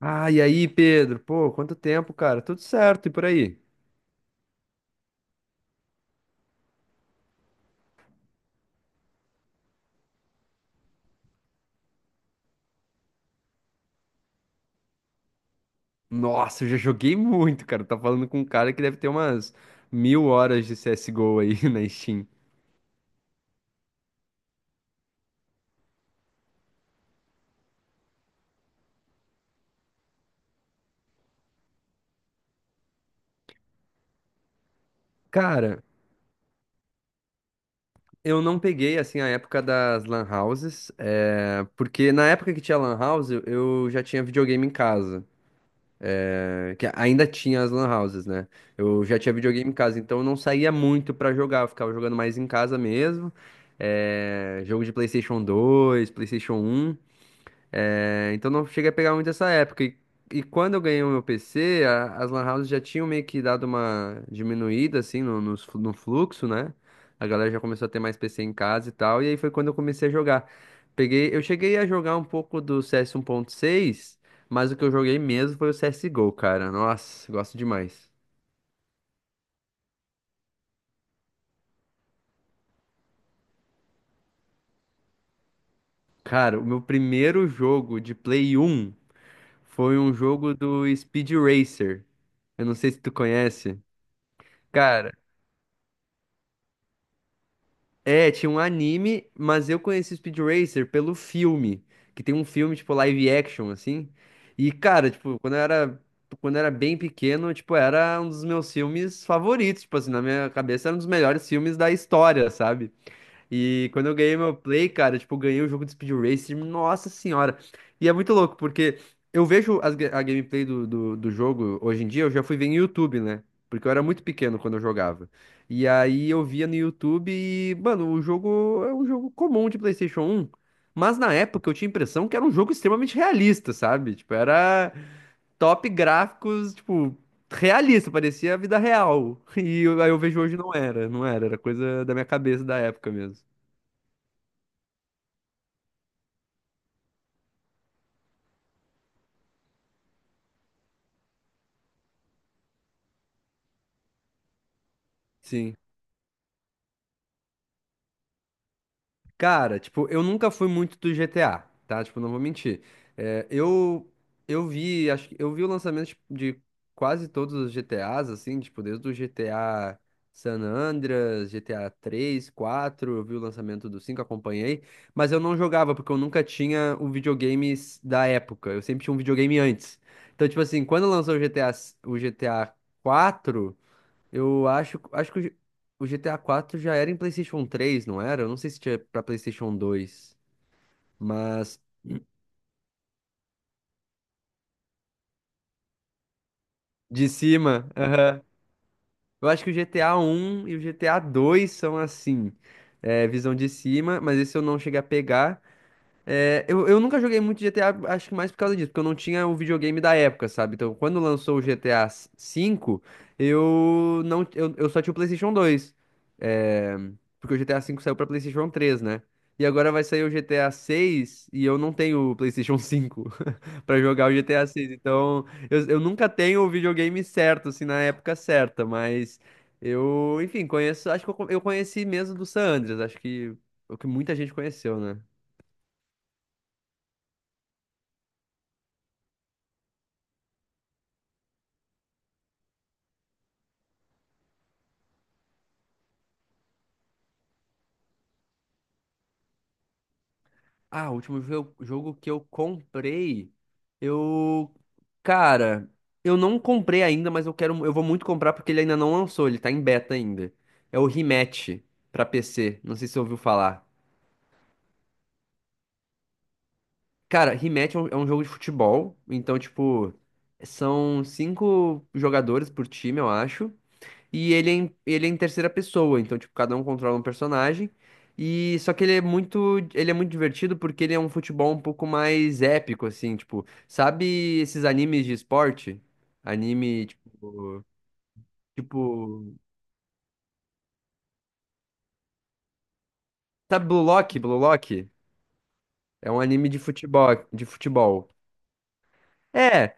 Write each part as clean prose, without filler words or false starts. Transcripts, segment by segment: Ah, e aí, Pedro? Pô, quanto tempo, cara? Tudo certo e por aí? Nossa, eu já joguei muito, cara. Tá falando com um cara que deve ter umas mil horas de CSGO aí na Steam. Cara, eu não peguei, assim, a época das lan houses, é, porque na época que tinha lan house, eu já tinha videogame em casa, é, que ainda tinha as lan houses, né? Eu já tinha videogame em casa, então eu não saía muito pra jogar, eu ficava jogando mais em casa mesmo. É, jogo de PlayStation 2, PlayStation um. É, então não cheguei a pegar muito essa época. E quando eu ganhei o meu PC, as lan houses já tinham meio que dado uma diminuída, assim, no fluxo, né? A galera já começou a ter mais PC em casa e tal, e aí foi quando eu comecei a jogar. Eu cheguei a jogar um pouco do CS 1.6, mas o que eu joguei mesmo foi o CSGO, cara. Nossa, gosto demais. Cara, o meu primeiro jogo de Play 1 foi um jogo do Speed Racer. Eu não sei se tu conhece. Cara, é, tinha um anime, mas eu conheci o Speed Racer pelo filme, que tem um filme, tipo, live action, assim. E, cara, tipo, quando eu era bem pequeno, tipo, era um dos meus filmes favoritos, tipo, assim, na minha cabeça era um dos melhores filmes da história, sabe? E quando eu ganhei meu play, cara, tipo, eu ganhei o jogo de Speed Racer, nossa senhora. E é muito louco, porque eu vejo a gameplay do jogo hoje em dia, eu já fui ver no YouTube, né? Porque eu era muito pequeno quando eu jogava. E aí eu via no YouTube e, mano, o jogo é um jogo comum de PlayStation um. Mas na época eu tinha a impressão que era um jogo extremamente realista, sabe? Tipo, era top gráficos, tipo, realista, parecia a vida real. Aí eu vejo hoje não era, era coisa da minha cabeça da época mesmo. Sim. Cara, tipo, eu nunca fui muito do GTA, tá? Tipo, não vou mentir. É, eu, eu vi, acho que eu vi o lançamento tipo, de quase todos os GTAs, assim, tipo, desde o GTA San Andreas, GTA 3 quatro, eu vi o lançamento do cinco, acompanhei, mas eu não jogava, porque eu nunca tinha o videogame da época. Eu sempre tinha um videogame antes. Então, tipo assim, quando lançou o GTA, s- o GTA quatro. Eu acho, acho que o GTA 4 já era em PlayStation 3, não era? Eu não sei se tinha pra PlayStation 2, mas de cima, aham. Eu acho que o GTA 1 e o GTA 2 são assim, é, visão de cima, mas esse eu não cheguei a pegar. Eu nunca joguei muito GTA, acho que mais por causa disso, porque eu não tinha o videogame da época, sabe? Então, quando lançou o GTA V, eu não, eu só tinha o PlayStation 2. É, porque o GTA V saiu pra PlayStation 3, né? E agora vai sair o GTA 6 e eu não tenho o PlayStation 5 pra jogar o GTA 6. Então, eu nunca tenho o videogame certo, assim, na época certa, mas enfim, conheço, acho que eu conheci mesmo do San Andreas, acho que é o que muita gente conheceu, né? Ah, o último jogo que eu comprei, eu, cara, eu não comprei ainda, mas eu quero, eu vou muito comprar porque ele ainda não lançou, ele tá em beta ainda. É o Rematch pra PC, não sei se você ouviu falar. Cara, Rematch é um jogo de futebol, então tipo, são cinco jogadores por time, eu acho. E ele é em terceira pessoa, então, tipo, cada um controla um personagem. E só que ele é muito divertido porque ele é um futebol um pouco mais épico, assim, tipo, sabe esses animes de esporte? Anime, tipo, tipo, sabe Blue Lock? Blue Lock? É um anime de futebol, de futebol. É,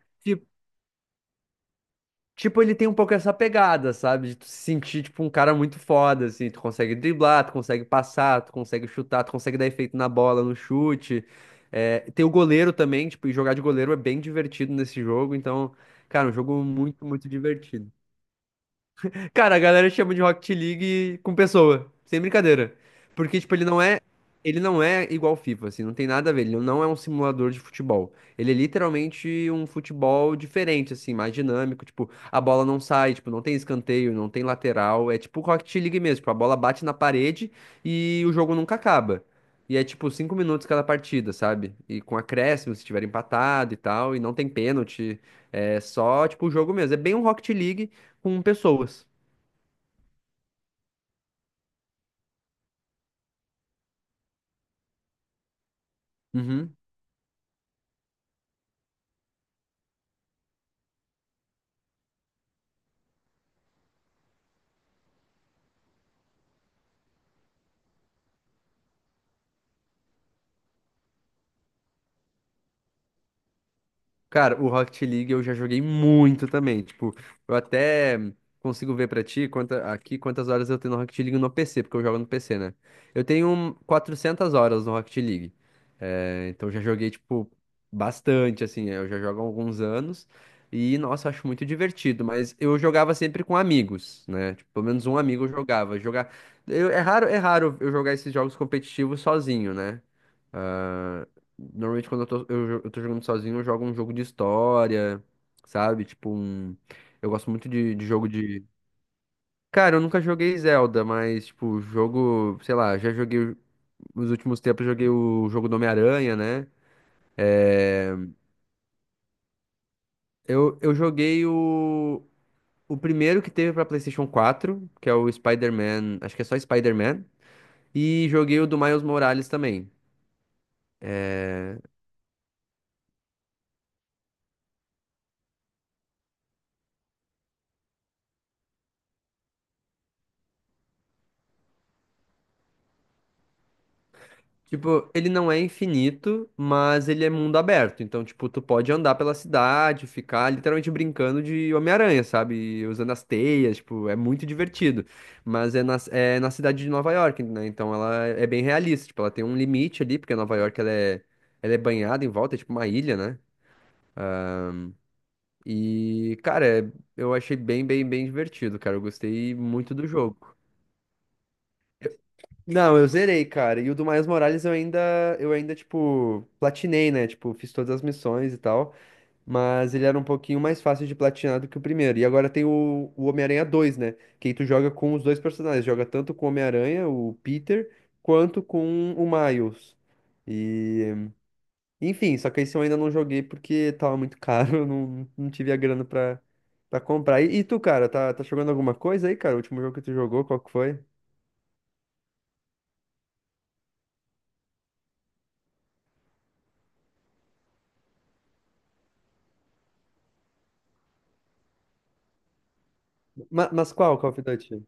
tipo, ele tem um pouco essa pegada, sabe? De tu se sentir, tipo, um cara muito foda, assim. Tu consegue driblar, tu consegue passar, tu consegue chutar, tu consegue dar efeito na bola, no chute. É, tem o goleiro também, tipo, e jogar de goleiro é bem divertido nesse jogo. Então, cara, um jogo muito, muito divertido. Cara, a galera chama de Rocket League com pessoa, sem brincadeira. Porque, tipo, ele não é igual ao FIFA, assim, não tem nada a ver. Ele não é um simulador de futebol. Ele é literalmente um futebol diferente, assim, mais dinâmico. Tipo, a bola não sai, tipo, não tem escanteio, não tem lateral. É tipo Rocket League mesmo, tipo, a bola bate na parede e o jogo nunca acaba. E é tipo cinco minutos cada partida, sabe? E com acréscimo, se tiver empatado e tal, e não tem pênalti. É só, tipo, o jogo mesmo. É bem um Rocket League com pessoas. Uhum. Cara, o Rocket League eu já joguei muito também. Tipo, eu até consigo ver pra ti quantas horas eu tenho no Rocket League no PC, porque eu jogo no PC, né? Eu tenho 400 horas no Rocket League. É, então já joguei, tipo, bastante, assim. Eu já jogo há alguns anos. E, nossa, eu acho muito divertido. Mas eu jogava sempre com amigos, né? Tipo, pelo menos um amigo eu jogava. Jogar... Eu, é raro eu jogar esses jogos competitivos sozinho, né? Ah, normalmente quando eu tô, eu, jo- eu tô jogando sozinho, eu jogo um jogo de história, sabe? Tipo um. Eu gosto muito de jogo de. Cara, eu nunca joguei Zelda, mas, tipo, jogo, sei lá, já joguei. Nos últimos tempos eu joguei o jogo do Homem-Aranha, né? É, eu joguei o primeiro que teve pra PlayStation 4, que é o Spider-Man, acho que é só Spider-Man, e joguei o do Miles Morales também. Tipo, ele não é infinito, mas ele é mundo aberto. Então, tipo, tu pode andar pela cidade, ficar literalmente brincando de Homem-Aranha, sabe? Usando as teias, tipo, é muito divertido. Mas é é na cidade de Nova York, né? Então ela é bem realista. Tipo, ela tem um limite ali, porque Nova York ela é banhada em volta, é tipo uma ilha, né? E, cara, é- eu achei bem, bem, bem divertido, cara. Eu gostei muito do jogo. Não, eu zerei, cara. E o do Miles Morales eu ainda, tipo, platinei, né? Tipo, fiz todas as missões e tal. Mas ele era um pouquinho mais fácil de platinar do que o primeiro. E agora tem o Homem-Aranha 2, né? Que aí tu joga com os dois personagens. Joga tanto com o Homem-Aranha, o Peter, quanto com o Miles. E... Enfim, só que esse eu ainda não joguei porque tava muito caro. Eu não, não tive a grana pra, pra comprar. E tu, cara, tá jogando alguma coisa aí, cara? O último jogo que tu jogou, qual que foi? Mas qual, Call of Duty?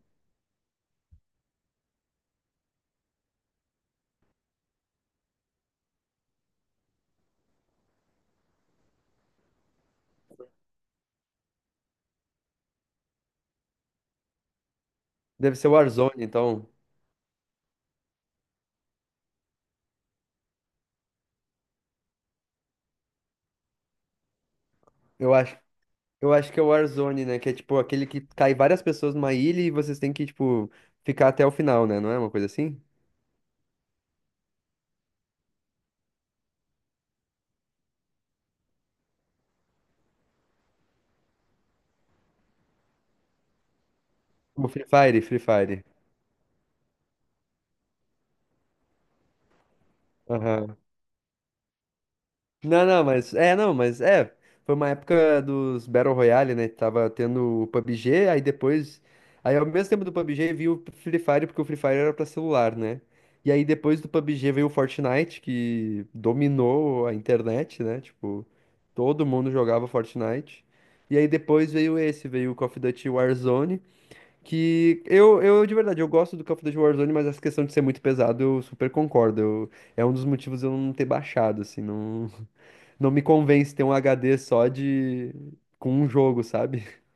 Deve ser o Warzone, então. Eu acho, eu acho que é o Warzone, né? Que é tipo aquele que cai várias pessoas numa ilha e vocês têm que, tipo, ficar até o final, né? Não é uma coisa assim? O Free Fire, Free Fire. Aham. Não, não, mas é, não, mas é. Foi uma época dos Battle Royale, né? Tava tendo o PUBG, aí depois. Aí ao mesmo tempo do PUBG veio o Free Fire, porque o Free Fire era pra celular, né? E aí depois do PUBG veio o Fortnite, que dominou a internet, né? Tipo, todo mundo jogava Fortnite. E aí veio o Call of Duty Warzone, que eu de verdade, eu gosto do Call of Duty Warzone, mas essa questão de ser muito pesado, eu super concordo. É um dos motivos eu não ter baixado, assim, não. Não me convence ter um HD só de. Com um jogo, sabe?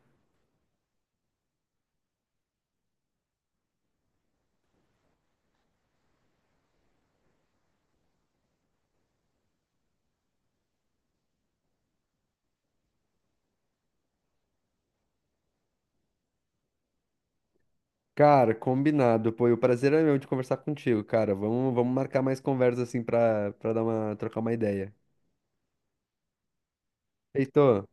Cara, combinado. Pô, e o prazer é meu de conversar contigo, cara. Vamos marcar mais conversas assim pra, pra dar uma, trocar uma ideia. Feito.